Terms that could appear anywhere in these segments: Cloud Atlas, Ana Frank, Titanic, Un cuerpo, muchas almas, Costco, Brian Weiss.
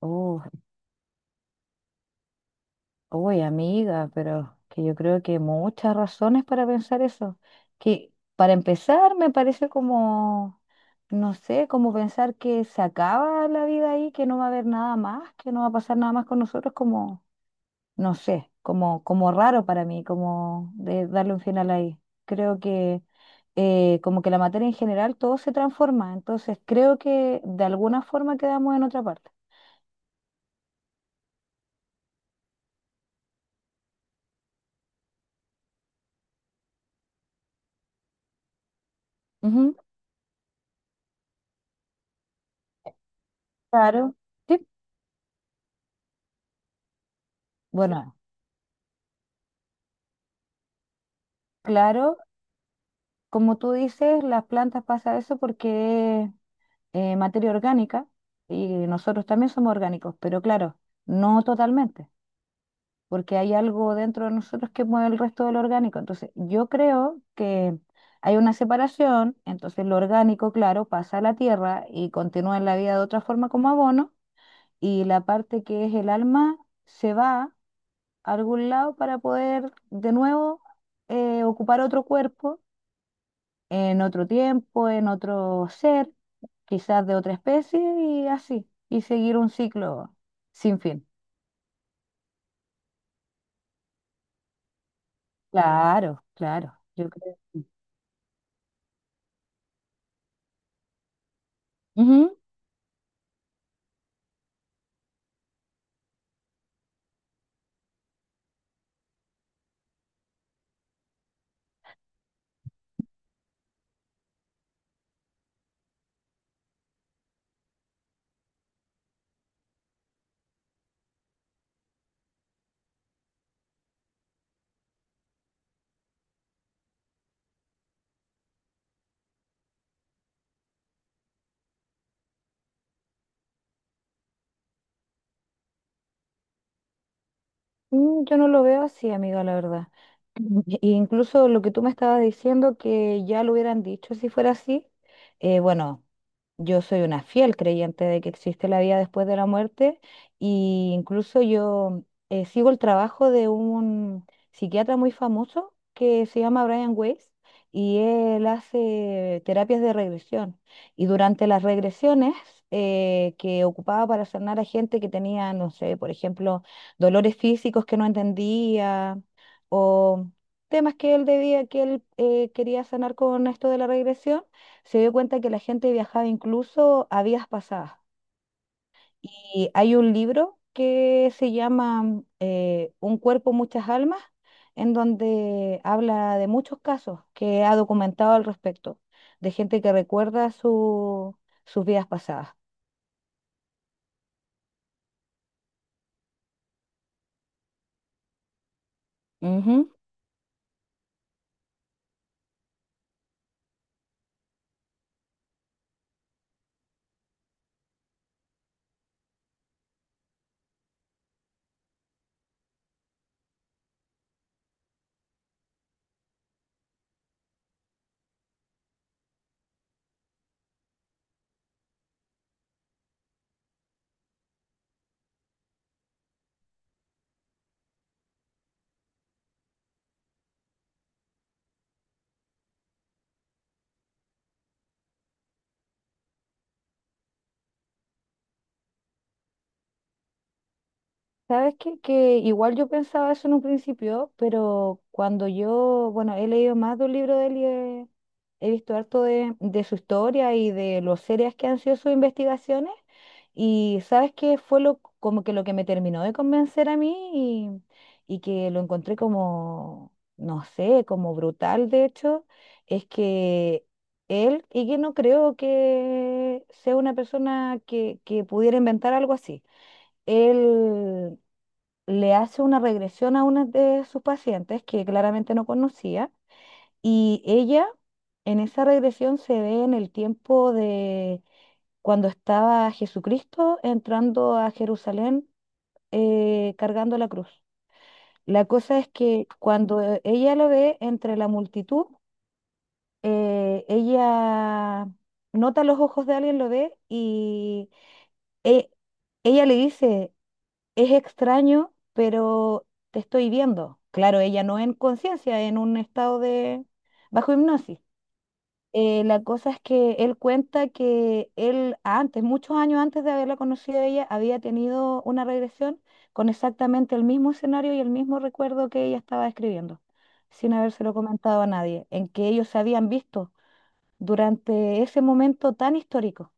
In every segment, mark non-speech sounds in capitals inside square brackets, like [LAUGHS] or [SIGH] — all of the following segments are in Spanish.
Oh, uy, amiga, pero que yo creo que muchas razones para pensar eso. Que para empezar me parece como, no sé, como pensar que se acaba la vida ahí, que no va a haber nada más, que no va a pasar nada más con nosotros, como, no sé, como raro para mí, como de darle un final ahí. Creo que como que la materia en general todo se transforma, entonces creo que de alguna forma quedamos en otra parte. Ujú, claro. Sí, bueno, claro. Como tú dices, las plantas pasa eso porque es materia orgánica y nosotros también somos orgánicos, pero claro, no totalmente, porque hay algo dentro de nosotros que mueve el resto del orgánico. Entonces, yo creo que hay una separación, entonces lo orgánico, claro, pasa a la tierra y continúa en la vida de otra forma como abono, y la parte que es el alma se va a algún lado para poder de nuevo ocupar otro cuerpo en otro tiempo, en otro ser, quizás de otra especie y así, y seguir un ciclo sin fin. Claro, claro, yo creo que sí. Mm, yo no lo veo así, amiga, la verdad. [CLEARS THROAT] E incluso lo que tú me estabas diciendo, que ya lo hubieran dicho si fuera así, bueno, yo soy una fiel creyente de que existe la vida después de la muerte y incluso yo sigo el trabajo de un psiquiatra muy famoso que se llama Brian Weiss y él hace terapias de regresión. Y durante las regresiones que ocupaba para sanar a gente que tenía, no sé, por ejemplo, dolores físicos que no entendía o temas que él quería sanar con esto de la regresión, se dio cuenta que la gente viajaba incluso a vidas pasadas. Y hay un libro que se llama Un cuerpo, muchas almas, en donde habla de muchos casos que ha documentado al respecto, de gente que recuerda sus vidas pasadas. Ujú. Sabes que igual yo pensaba eso en un principio, pero cuando yo, bueno, he leído más de un libro de él y he visto harto de su historia y de lo serias que han sido sus investigaciones, y sabes qué fue lo como que lo que me terminó de convencer a mí y que lo encontré como, no sé, como brutal de hecho, es que él, y que no creo que sea una persona que pudiera inventar algo así. Él le hace una regresión a una de sus pacientes que claramente no conocía y ella en esa regresión se ve en el tiempo de cuando estaba Jesucristo entrando a Jerusalén cargando la cruz. La cosa es que cuando ella lo ve entre la multitud, ella nota los ojos de alguien, lo ve y e- ella le dice, es extraño, pero te estoy viendo. Claro, ella no en conciencia, en un estado de bajo hipnosis. La cosa es que él cuenta que él antes, muchos años antes de haberla conocido a ella, había tenido una regresión con exactamente el mismo escenario y el mismo recuerdo que ella estaba describiendo, sin habérselo comentado a nadie, en que ellos se habían visto durante ese momento tan histórico.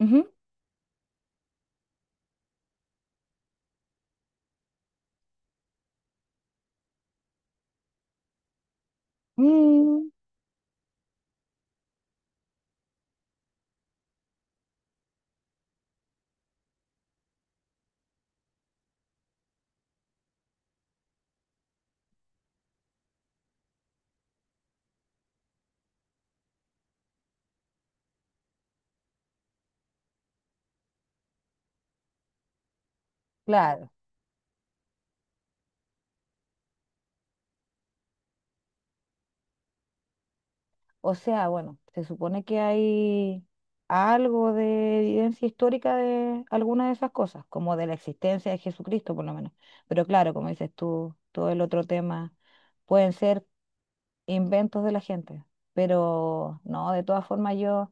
Ujú. Mm, claro. O sea, bueno, se supone que hay algo de evidencia histórica de alguna de esas cosas, como de la existencia de Jesucristo, por lo menos. Pero claro, como dices tú, todo el otro tema pueden ser inventos de la gente. Pero no, de todas formas yo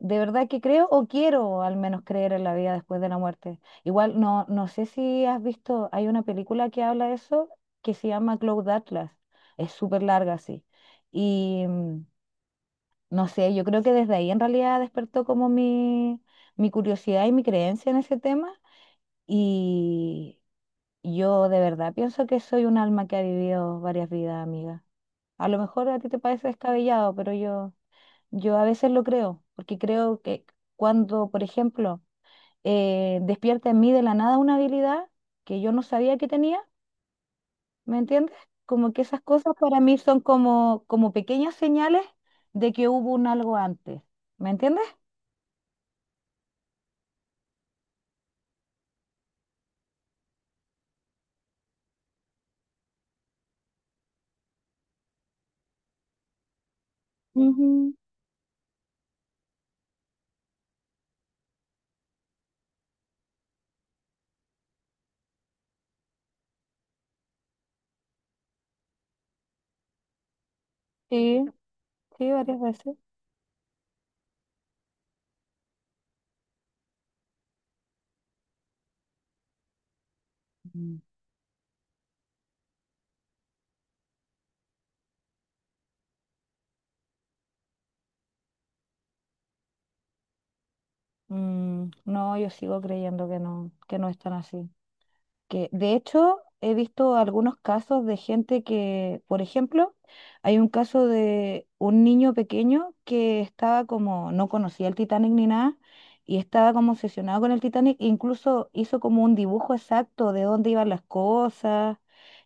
de verdad que creo o quiero al menos creer en la vida después de la muerte. Igual no, no sé si has visto, hay una película que habla de eso que se llama Cloud Atlas. Es súper larga, sí. Y no sé, yo creo que desde ahí en realidad despertó como mi curiosidad y mi creencia en ese tema. Y yo de verdad pienso que soy un alma que ha vivido varias vidas, amiga. A lo mejor a ti te parece descabellado, pero yo a veces lo creo, porque creo que cuando, por ejemplo, despierta en mí de la nada una habilidad que yo no sabía que tenía, ¿me entiendes? Como que esas cosas para mí son como, como pequeñas señales de que hubo un algo antes, ¿me entiendes? Ujú, sí, sí, varias veces. Mm. Mm, no, yo sigo creyendo que no es tan así. Que, de hecho, he visto algunos casos de gente que, por ejemplo, hay un caso de un niño pequeño que estaba como, no conocía el Titanic ni nada, y estaba como obsesionado con el Titanic, e incluso hizo como un dibujo exacto de dónde iban las cosas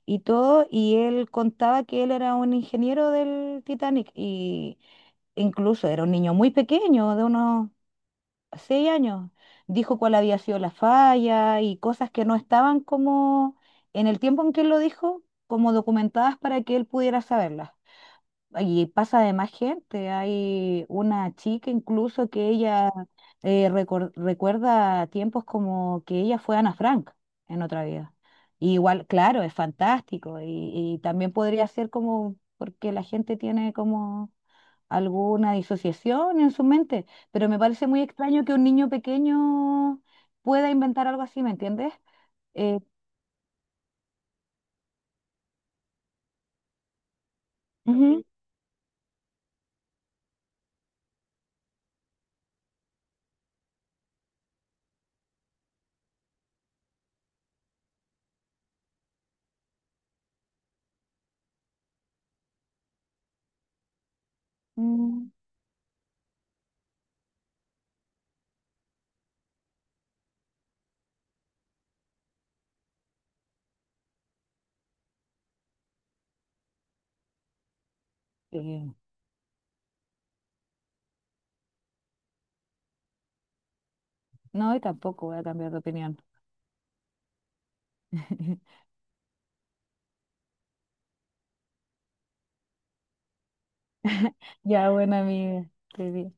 y todo, y él contaba que él era un ingeniero del Titanic y incluso era un niño muy pequeño, de unos 6 años, dijo cuál había sido la falla y cosas que no estaban como en el tiempo en que él lo dijo, como documentadas para que él pudiera saberlas. Y pasa de más gente, hay una chica incluso que ella recuerda tiempos como que ella fue Ana Frank en otra vida. Y igual, claro, es fantástico y también podría ser como porque la gente tiene como alguna disociación en su mente, pero me parece muy extraño que un niño pequeño pueda inventar algo así, ¿me entiendes? Eh, Ujú, mm, eh, no, y tampoco voy a cambiar de opinión. [LAUGHS] Ya, buena amiga. Te vi.